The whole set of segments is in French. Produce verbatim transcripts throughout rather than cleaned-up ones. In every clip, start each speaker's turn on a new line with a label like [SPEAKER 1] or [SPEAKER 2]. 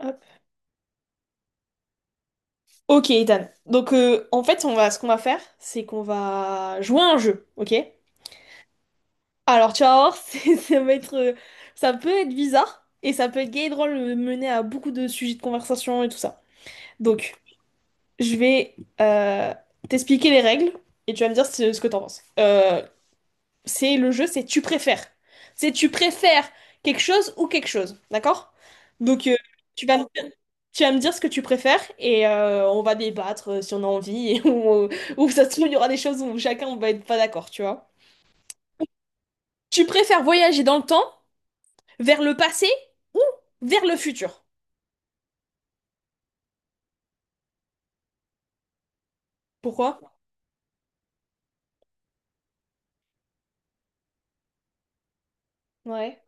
[SPEAKER 1] Hop. Ok, Ethan. Donc, euh, en fait, on va, ce qu'on va faire, c'est qu'on va jouer à un jeu, ok? Alors, tu vas voir, c'est- ça va être, euh, ça peut être bizarre et ça peut être gay et drôle, euh, mener à beaucoup de sujets de conversation et tout ça. Donc, je vais euh, t'expliquer les règles et tu vas me dire ce, ce que t'en penses. Euh, c'est le jeu, c'est tu préfères. C'est tu préfères quelque chose ou quelque chose, d'accord? Donc euh, tu vas me, tu vas me dire ce que tu préfères et euh, on va débattre euh, si on a envie et on- ou ça se trouve il y aura des choses où chacun on va être pas d'accord, tu vois. Tu préfères voyager dans le temps, vers le passé ou vers le futur? Pourquoi? Ouais.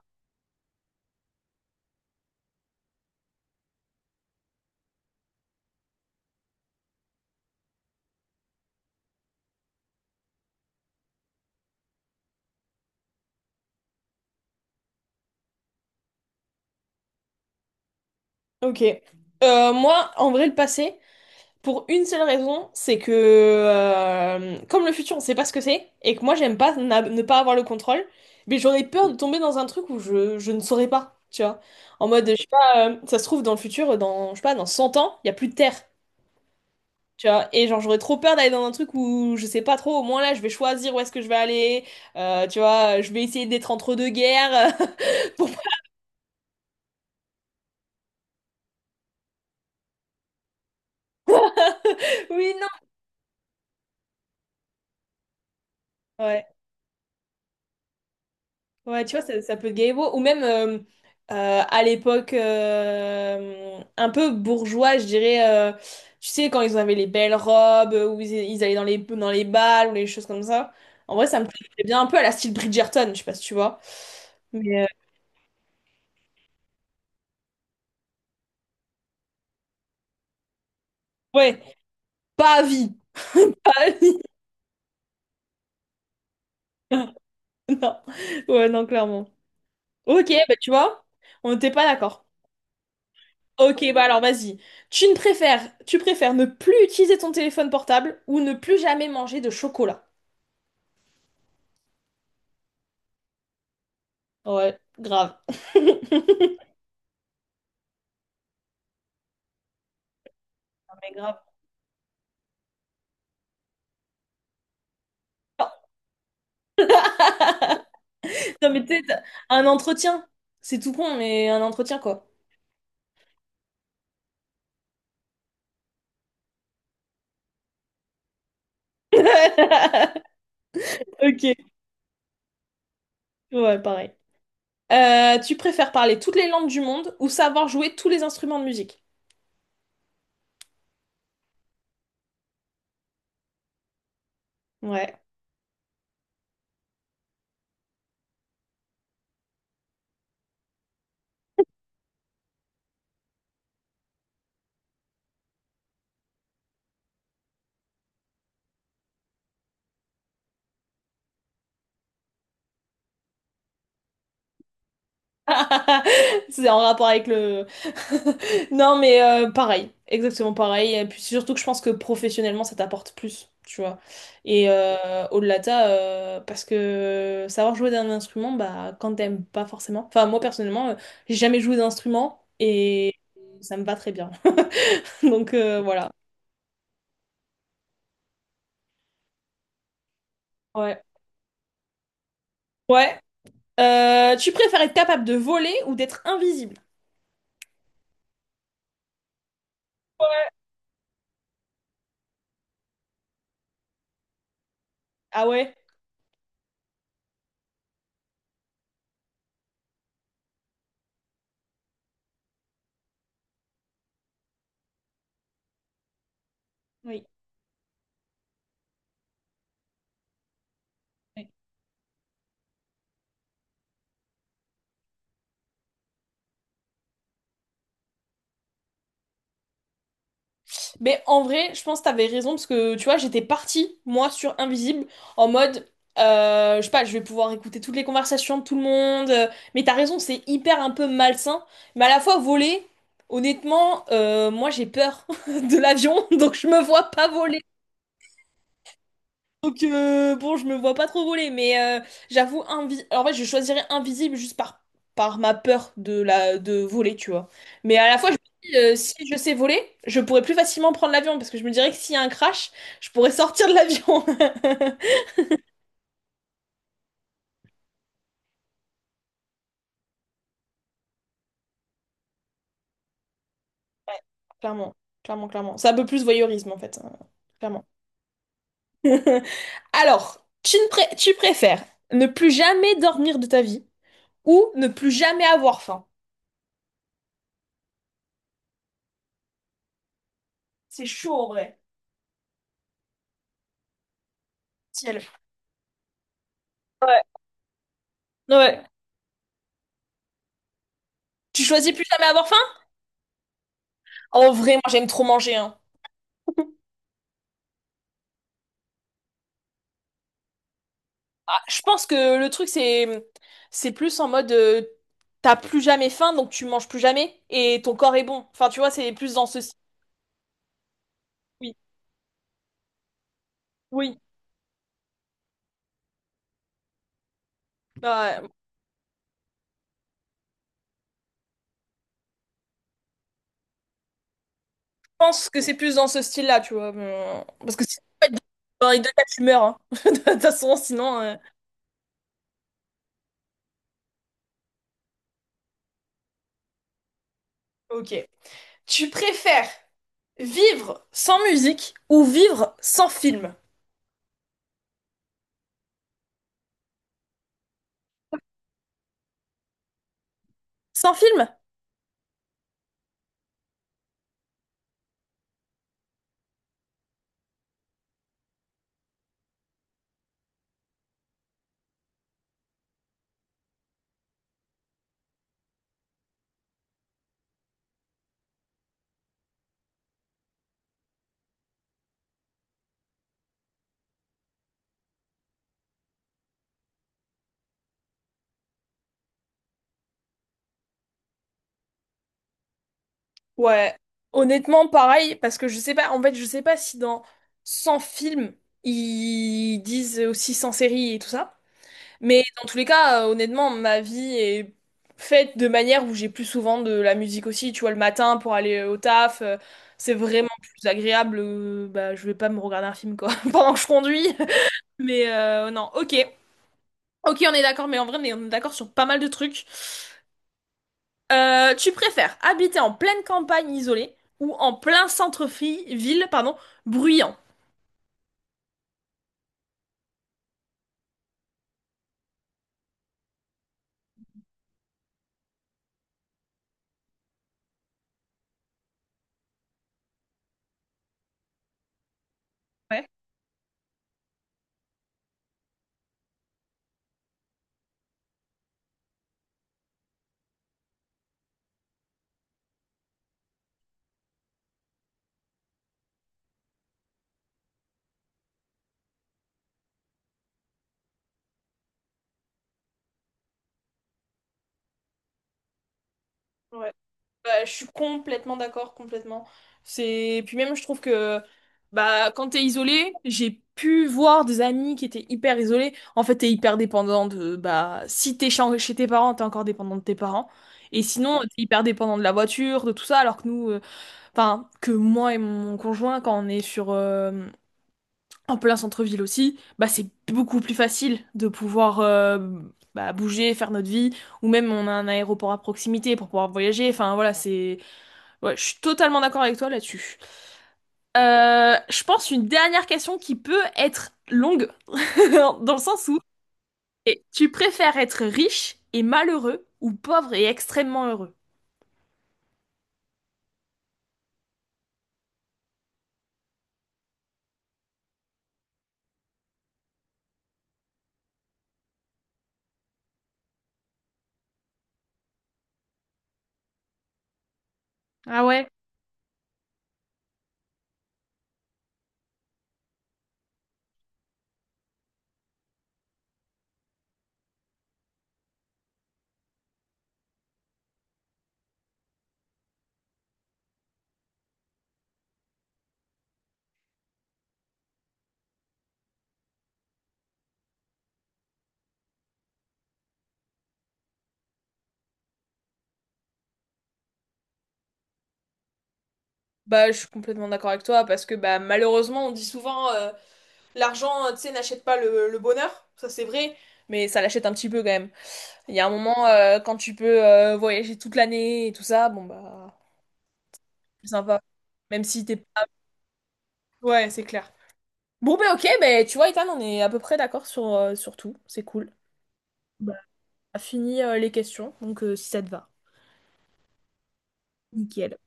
[SPEAKER 1] Ok. Euh, moi, en vrai, le passé. Pour une seule raison, c'est que euh, comme le futur, on sait pas ce que c'est, et que moi j'aime pas na- ne pas avoir le contrôle, mais j'aurais peur de tomber dans un truc où je, je ne saurais pas, tu vois. En mode, je sais pas, euh, ça se trouve dans le futur, dans, je sais pas, dans cent ans, il y a plus de terre, tu vois. Et genre j'aurais trop peur d'aller dans un truc où je sais pas trop, au moins là je vais choisir où est-ce que je vais aller, euh, tu vois, je vais essayer d'être entre deux guerres. Bon, oui, non. Ouais. Ouais, tu vois, ça, ça peut être gaévo. Ou même euh, euh, à l'époque euh, un peu bourgeois, je dirais. Euh, tu sais, quand ils avaient les belles robes, euh, où ils, ils allaient dans les, dans les bals, ou les choses comme ça. En vrai, ça me plaît bien un peu à la style Bridgerton, je sais pas si tu vois. Mais euh, ouais, pas à vie. Pas à vie. Non. Ouais, non, clairement. Ok, bah tu vois, on n'était pas d'accord. Ok, bah alors vas-y. Tu ne préfères, tu préfères ne plus utiliser ton téléphone portable ou ne plus jamais manger de chocolat? Ouais, grave. Non, mais grave. Non, mais peut-être un entretien. C'est tout con, mais un entretien, quoi. Ok, ouais, pareil. Euh, tu préfères parler toutes les langues du monde ou savoir jouer tous les instruments de musique? Ouais. C'est en rapport avec le... Non, mais euh, pareil, exactement pareil. Et puis surtout que je pense que professionnellement, ça t'apporte plus, tu vois. Et euh, au-delà de ça, euh, parce que savoir jouer d'un instrument, bah, quand t'aimes pas forcément. Enfin, moi personnellement, euh, j'ai jamais joué d'instrument et ça me va très bien. Donc euh, voilà. Ouais. Ouais. Euh, tu préfères être capable de voler ou d'être invisible? Ouais. Ah ouais? Oui. Mais en vrai, je pense que t'avais raison parce que tu vois, j'étais partie, moi, sur Invisible, en mode, euh, je sais pas, je vais pouvoir écouter toutes les conversations de tout le monde. Euh, mais t'as raison, c'est hyper un peu malsain. Mais à la fois, voler, honnêtement, euh, moi, j'ai peur de l'avion, donc je me vois pas voler. Donc euh, bon, je me vois pas trop voler, mais euh, j'avoue invi- Alors, en fait, je choisirais invisible juste par par ma peur de la de voler, tu vois. Mais à la fois, je me dis euh, si je sais voler, je pourrais plus facilement prendre l'avion parce que je me dirais que s'il y a un crash, je pourrais sortir de l'avion. Ouais, clairement, clairement, clairement. C'est un peu plus voyeurisme en fait, hein, clairement. Alors, tu ne pré- tu préfères ne plus jamais dormir de ta vie ou ne plus jamais avoir faim? C'est chaud en vrai. Ciel. Ouais. Ouais. Tu choisis plus jamais avoir faim? En vrai, moi j'aime trop manger, hein. Ah, je pense que le truc c'est c'est plus en mode euh, t'as plus jamais faim donc tu manges plus jamais et ton corps est bon. Enfin tu vois c'est plus dans ce style. Oui, oui. Ouais, je pense que c'est plus dans ce style-là, tu vois. mais- euh, Parce que si dans les deux cas tu meurs, hein. De toute façon sinon. euh, Ok. Tu préfères vivre sans musique ou vivre sans film? Sans film? Ouais, honnêtement, pareil, parce que je sais pas, en fait, je sais pas si dans cent films, ils disent aussi cent séries et tout ça. Mais dans tous les cas, euh, honnêtement, ma vie est faite de manière où j'ai plus souvent de la musique aussi, tu vois, le matin pour aller au taf, euh, c'est vraiment plus agréable. Euh, bah, je vais pas me regarder un film, quoi, pendant que je conduis. Mais euh, non, ok. Ok, on est d'accord, mais en vrai, on est on est d'accord sur pas mal de trucs. Euh, tu préfères habiter en pleine campagne isolée ou en plein centre-ville, pardon, bruyant? Ouais. Bah, je suis complètement d'accord, complètement. C'est puis même je trouve que bah quand t'es isolé, j'ai pu voir des amis qui étaient hyper isolés. En fait, t'es hyper dépendant de bah si t'es chez chez tes parents, t'es encore dépendant de tes parents. Et sinon, t'es hyper dépendant de la voiture, de tout ça, alors que nous, euh, enfin que moi et mon conjoint, quand on est sur euh, en plein centre-ville aussi, bah c'est beaucoup plus facile de pouvoir euh, bah, bouger, faire notre vie, ou même on a un aéroport à proximité pour pouvoir voyager. Enfin voilà, c'est, ouais, je suis totalement d'accord avec toi là-dessus. Euh, je pense une dernière question qui peut être longue dans le sens où et tu préfères être riche et malheureux ou pauvre et extrêmement heureux? Ah ouais? Bah, je suis complètement d'accord avec toi parce que bah malheureusement on dit souvent euh, l'argent, euh, tu sais, n'achète pas le, le bonheur, ça c'est vrai, mais ça l'achète un petit peu quand même. Il y a un moment, euh, quand tu peux euh, voyager toute l'année et tout ça, bon bah, c'est sympa. Même si t'es pas... Ouais, c'est clair. Bon bah ok, bah, tu vois, Ethan, on est à peu près d'accord sur, euh, sur tout, c'est cool. Bah, on a fini euh, les questions, donc euh, si ça te va. Nickel.